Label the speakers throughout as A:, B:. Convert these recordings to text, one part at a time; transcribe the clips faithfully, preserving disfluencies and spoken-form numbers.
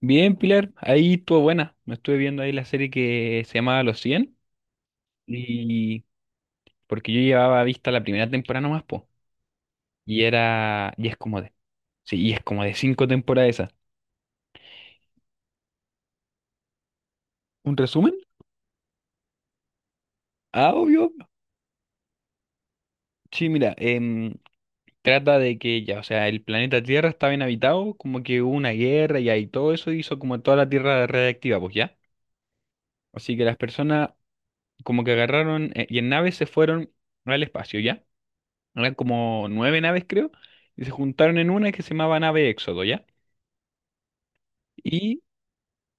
A: Bien, Pilar, ahí estuvo buena. Me estuve viendo ahí la serie que se llamaba Los cien y porque yo llevaba vista la primera temporada nomás, po. Y era, y es como de, sí, y es como de cinco temporadas esa. ¿Un resumen? Ah, obvio. Sí, mira, em, trata de que ya, o sea, el planeta Tierra estaba inhabitado, como que hubo una guerra y ahí todo eso hizo como toda la Tierra radiactiva, pues ya. Así que las personas como que agarraron eh, y en naves se fueron al espacio, ¿ya? Eran como nueve naves, creo, y se juntaron en una que se llamaba nave Éxodo, ¿ya? Y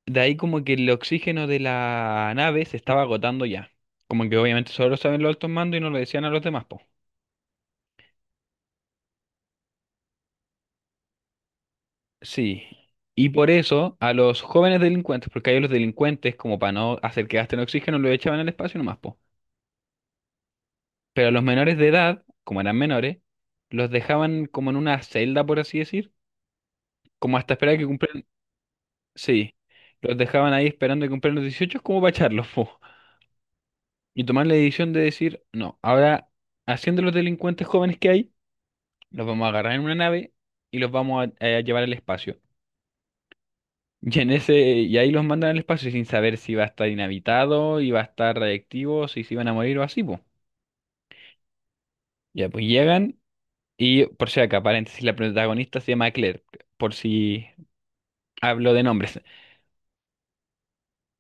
A: de ahí como que el oxígeno de la nave se estaba agotando ya. Como que obviamente solo lo saben los altos mandos y no lo decían a los demás, po. Sí. Y por eso a los jóvenes delincuentes, porque hay los delincuentes, como para no hacer que gasten oxígeno, lo echaban al espacio nomás, po. Pero a los menores de edad, como eran menores, los dejaban como en una celda, por así decir, como hasta esperar que cumplan. Sí, los dejaban ahí esperando que cumplieran los dieciocho como para echarlos, po. Y tomar la decisión de decir, no, ahora, haciendo los delincuentes jóvenes que hay, los vamos a agarrar en una nave y los vamos a, a llevar al espacio. Y, en ese, y ahí los mandan al espacio sin saber si va a estar inhabitado, y va a estar radiactivo, si se iban a morir o así, pues. Ya, pues llegan, y por si acá, paréntesis, la protagonista se llama Claire, por si hablo de nombres.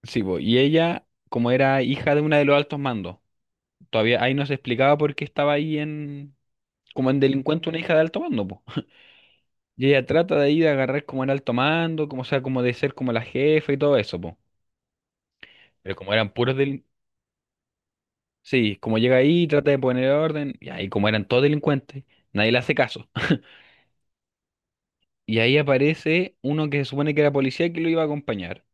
A: Sí, po, y ella, como era hija de una de los altos mandos, todavía ahí no se explicaba por qué estaba ahí en, como en delincuente una hija de alto mando, pues. Y ella trata de ahí de agarrar como era el tomando como sea, como de ser como la jefa y todo eso, po. Pero como eran puros del. Sí, como llega ahí, trata de poner orden, y ahí como eran todos delincuentes, nadie le hace caso. Y ahí aparece uno que se supone que era policía que lo iba a acompañar.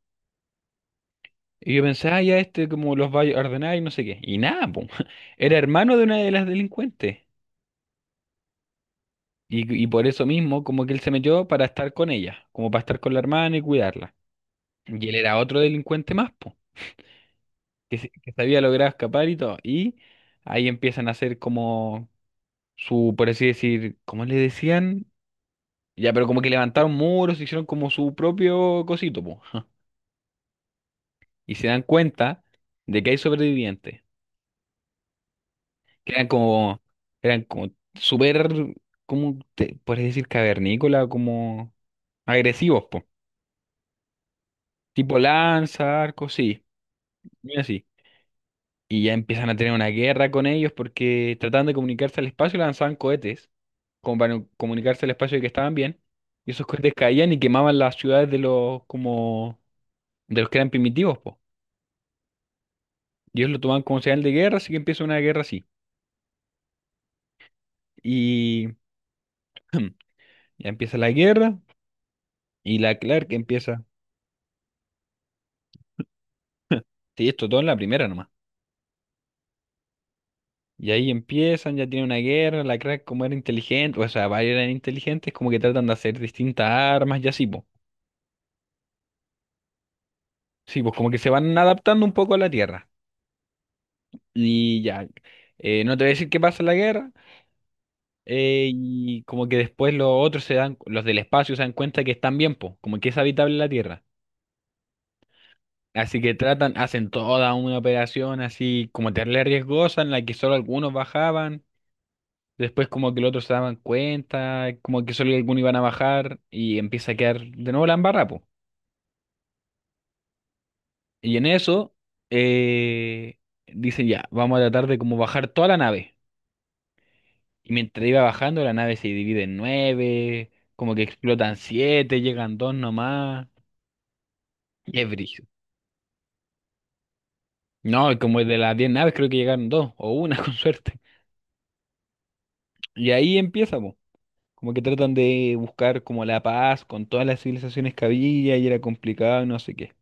A: Y yo pensé, ah, ya este como los va a ordenar y no sé qué. Y nada, po. Era hermano de una de las delincuentes. Y, y por eso mismo, como que él se metió para estar con ella, como para estar con la hermana y cuidarla. Y él era otro delincuente más, po. que, se- que se había logrado escapar y todo. Y ahí empiezan a hacer como su, por así decir, ¿cómo le decían? Ya, pero como que levantaron muros, hicieron como su propio cosito, po. Y se dan cuenta de que hay sobrevivientes, que eran como, eran como, súper, como, te, puedes decir, cavernícola, como agresivos, po. Tipo lanza, arco, sí, muy así. Y ya empiezan a tener una guerra con ellos porque trataban de comunicarse al espacio y lanzaban cohetes como para comunicarse al espacio de que estaban bien. Y esos cohetes caían y quemaban las ciudades de los como de los que eran primitivos, po. Y ellos lo tomaban como señal de guerra, así que empieza una guerra así. Y ya empieza la guerra y la Clark empieza. Sí, esto todo en la primera nomás. Y ahí empiezan, ya tienen una guerra, la Clark como era inteligente, o sea, varios eran inteligentes, como que tratan de hacer distintas armas y así, po. Sí, pues como que se van adaptando un poco a la Tierra. Y ya, eh, no te voy a decir qué pasa en la guerra. Eh, y como que después los otros se dan, los del espacio se dan cuenta que están bien, po, como que es habitable la Tierra. Así que tratan, hacen toda una operación así como terrible riesgosa en la que solo algunos bajaban. Después como que los otros se daban cuenta, como que solo algunos iban a bajar y empieza a quedar de nuevo la embarra, po. Y en eso eh, dicen ya, vamos a tratar de como bajar toda la nave. Y mientras iba bajando, la nave se divide en nueve, como que explotan siete, llegan dos nomás. Y es brígido. No, y como de las diez naves creo que llegaron dos, o una con suerte. Y ahí empieza, po. Como que tratan de buscar como la paz con todas las civilizaciones que había y era complicado y no sé qué.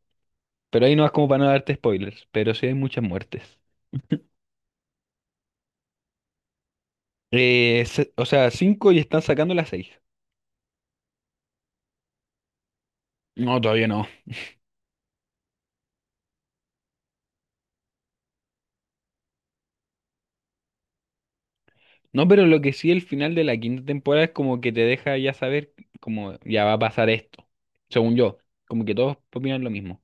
A: Pero ahí no es como para no darte spoilers, pero sí hay muchas muertes. Eh, se- o sea, cinco y están sacando las seis. No, todavía no. No, pero lo que sí, el final de la quinta temporada es como que te deja ya saber como ya va a pasar esto, según yo. Como que todos opinan lo mismo.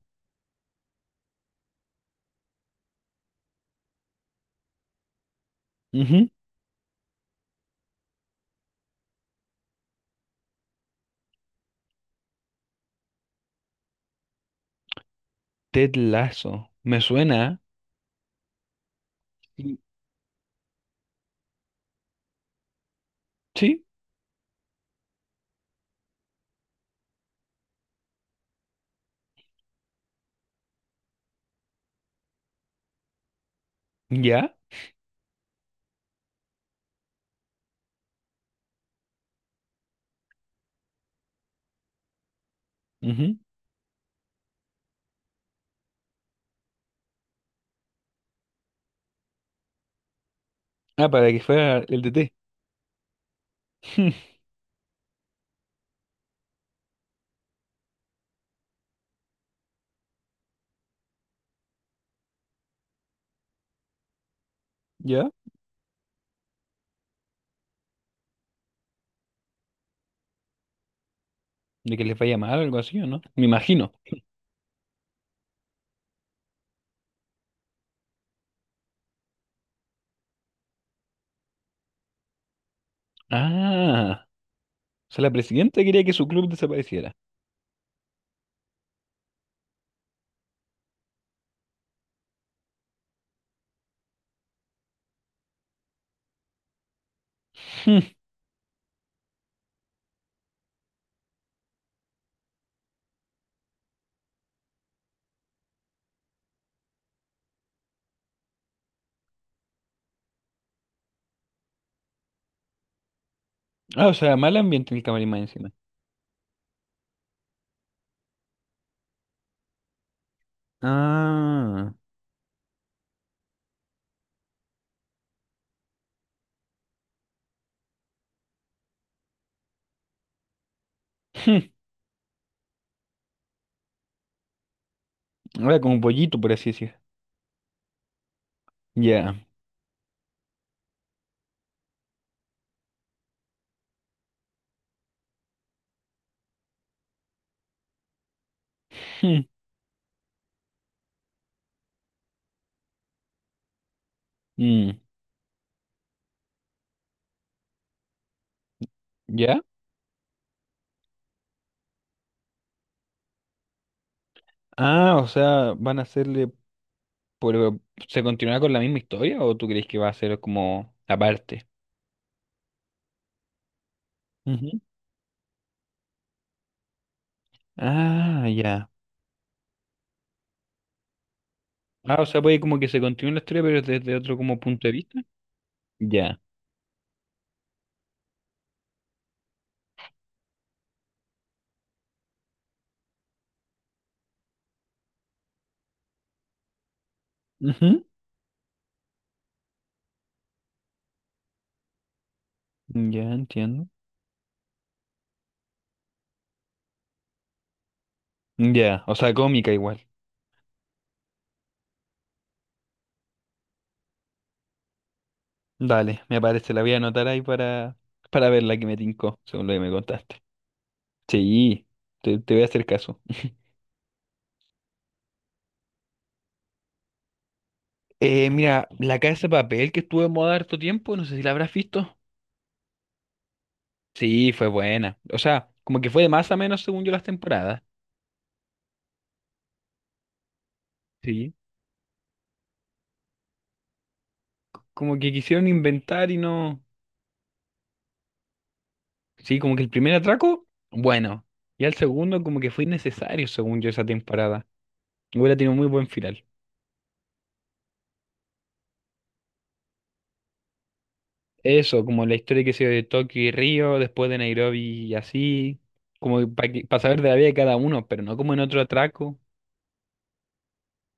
A: Ujú. Ted Lasso. Me suena. Sí. Sí. ¿Ya? Ujú. Ah, para que fuera el D T. ¿Ya? De que les vaya mal o algo así, ¿o no? Me imagino. Ah, o sea, la presidenta quería que su club desapareciera. Hmm. Ah, o sea, mal ambiente en el camarín más encima. Ah. Hmm. Ahora como pollito, por así decir. Ya. Hmm. Mm, ¿ya? Ah, o sea, van a hacerle, pero ¿se continuará con la misma historia o tú crees que va a ser como aparte? Ujú. Ah, ya. Ah, o sea, puede como que se continúe la historia, pero desde otro como punto de vista. Ya. Ujú. Ya, entiendo. Ya, o sea, cómica igual. Dale, me parece, la voy a anotar ahí para, para ver la que me tincó, según lo que me contaste. Sí, te, te voy a hacer caso. Eh, mira, la Casa de Papel que estuvo en moda harto tiempo, no sé si la habrás visto. Sí, fue buena. O sea, como que fue de más a menos según yo las temporadas. Sí. Como que quisieron inventar y no. Sí, como que el primer atraco, bueno. Y al segundo, como que fue innecesario según yo esa temporada. Hubiera tenido muy buen final. Eso, como la historia que se dio de Tokio y Río, después de Nairobi y así. Como para saber de la vida de cada uno, pero no como en otro atraco.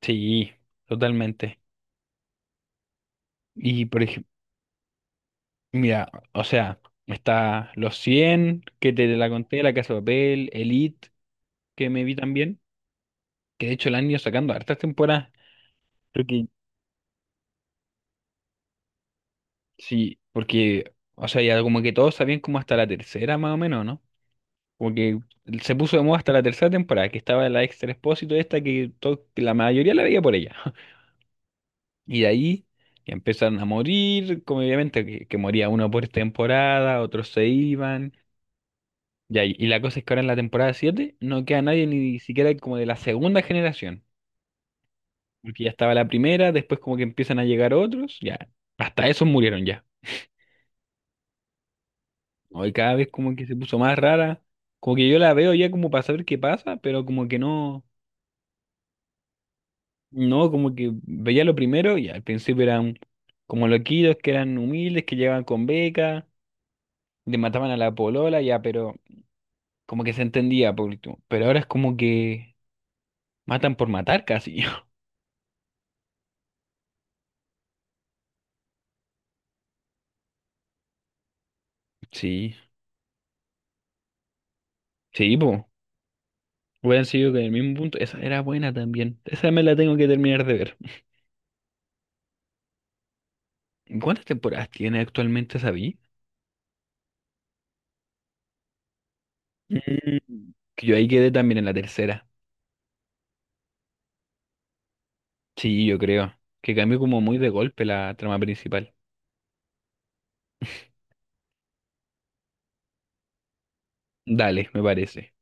A: Sí, totalmente. Y por ejemplo, mira, o sea. Está Los cien que te la conté, La Casa de Papel, Elite, que me vi también, que de hecho la han ido sacando hartas temporadas. Creo que sí, porque, o sea, ya como que todos sabían como hasta la tercera más o menos, ¿no? Como que se puso de moda hasta la tercera temporada, que estaba la extra Expósito esta que, to- que la mayoría la veía por ella. Y de ahí ya empezaron a morir, como obviamente que, que moría uno por temporada, otros se iban. Ya, y y la cosa es que ahora en la temporada siete no queda nadie ni siquiera como de la segunda generación. Porque ya estaba la primera, después como que empiezan a llegar otros, ya. Hasta esos murieron ya. Hoy cada vez como que se puso más rara. Como que yo la veo ya como para saber qué pasa, pero como que no, no, como que veía lo primero y al principio eran como loquidos, que eran humildes, que llegaban con beca, le mataban a la polola, ya, pero como que se entendía por último. Pero ahora es como que matan por matar casi. Sí, sí, pues. Hubieran sido con el mismo punto. Esa era buena también. Esa me la tengo que terminar de ver. ¿Cuántas temporadas tiene actualmente Sabi? Mm, que yo ahí quedé también en la tercera. Sí, yo creo. Que cambió como muy de golpe la trama principal. Dale, me parece.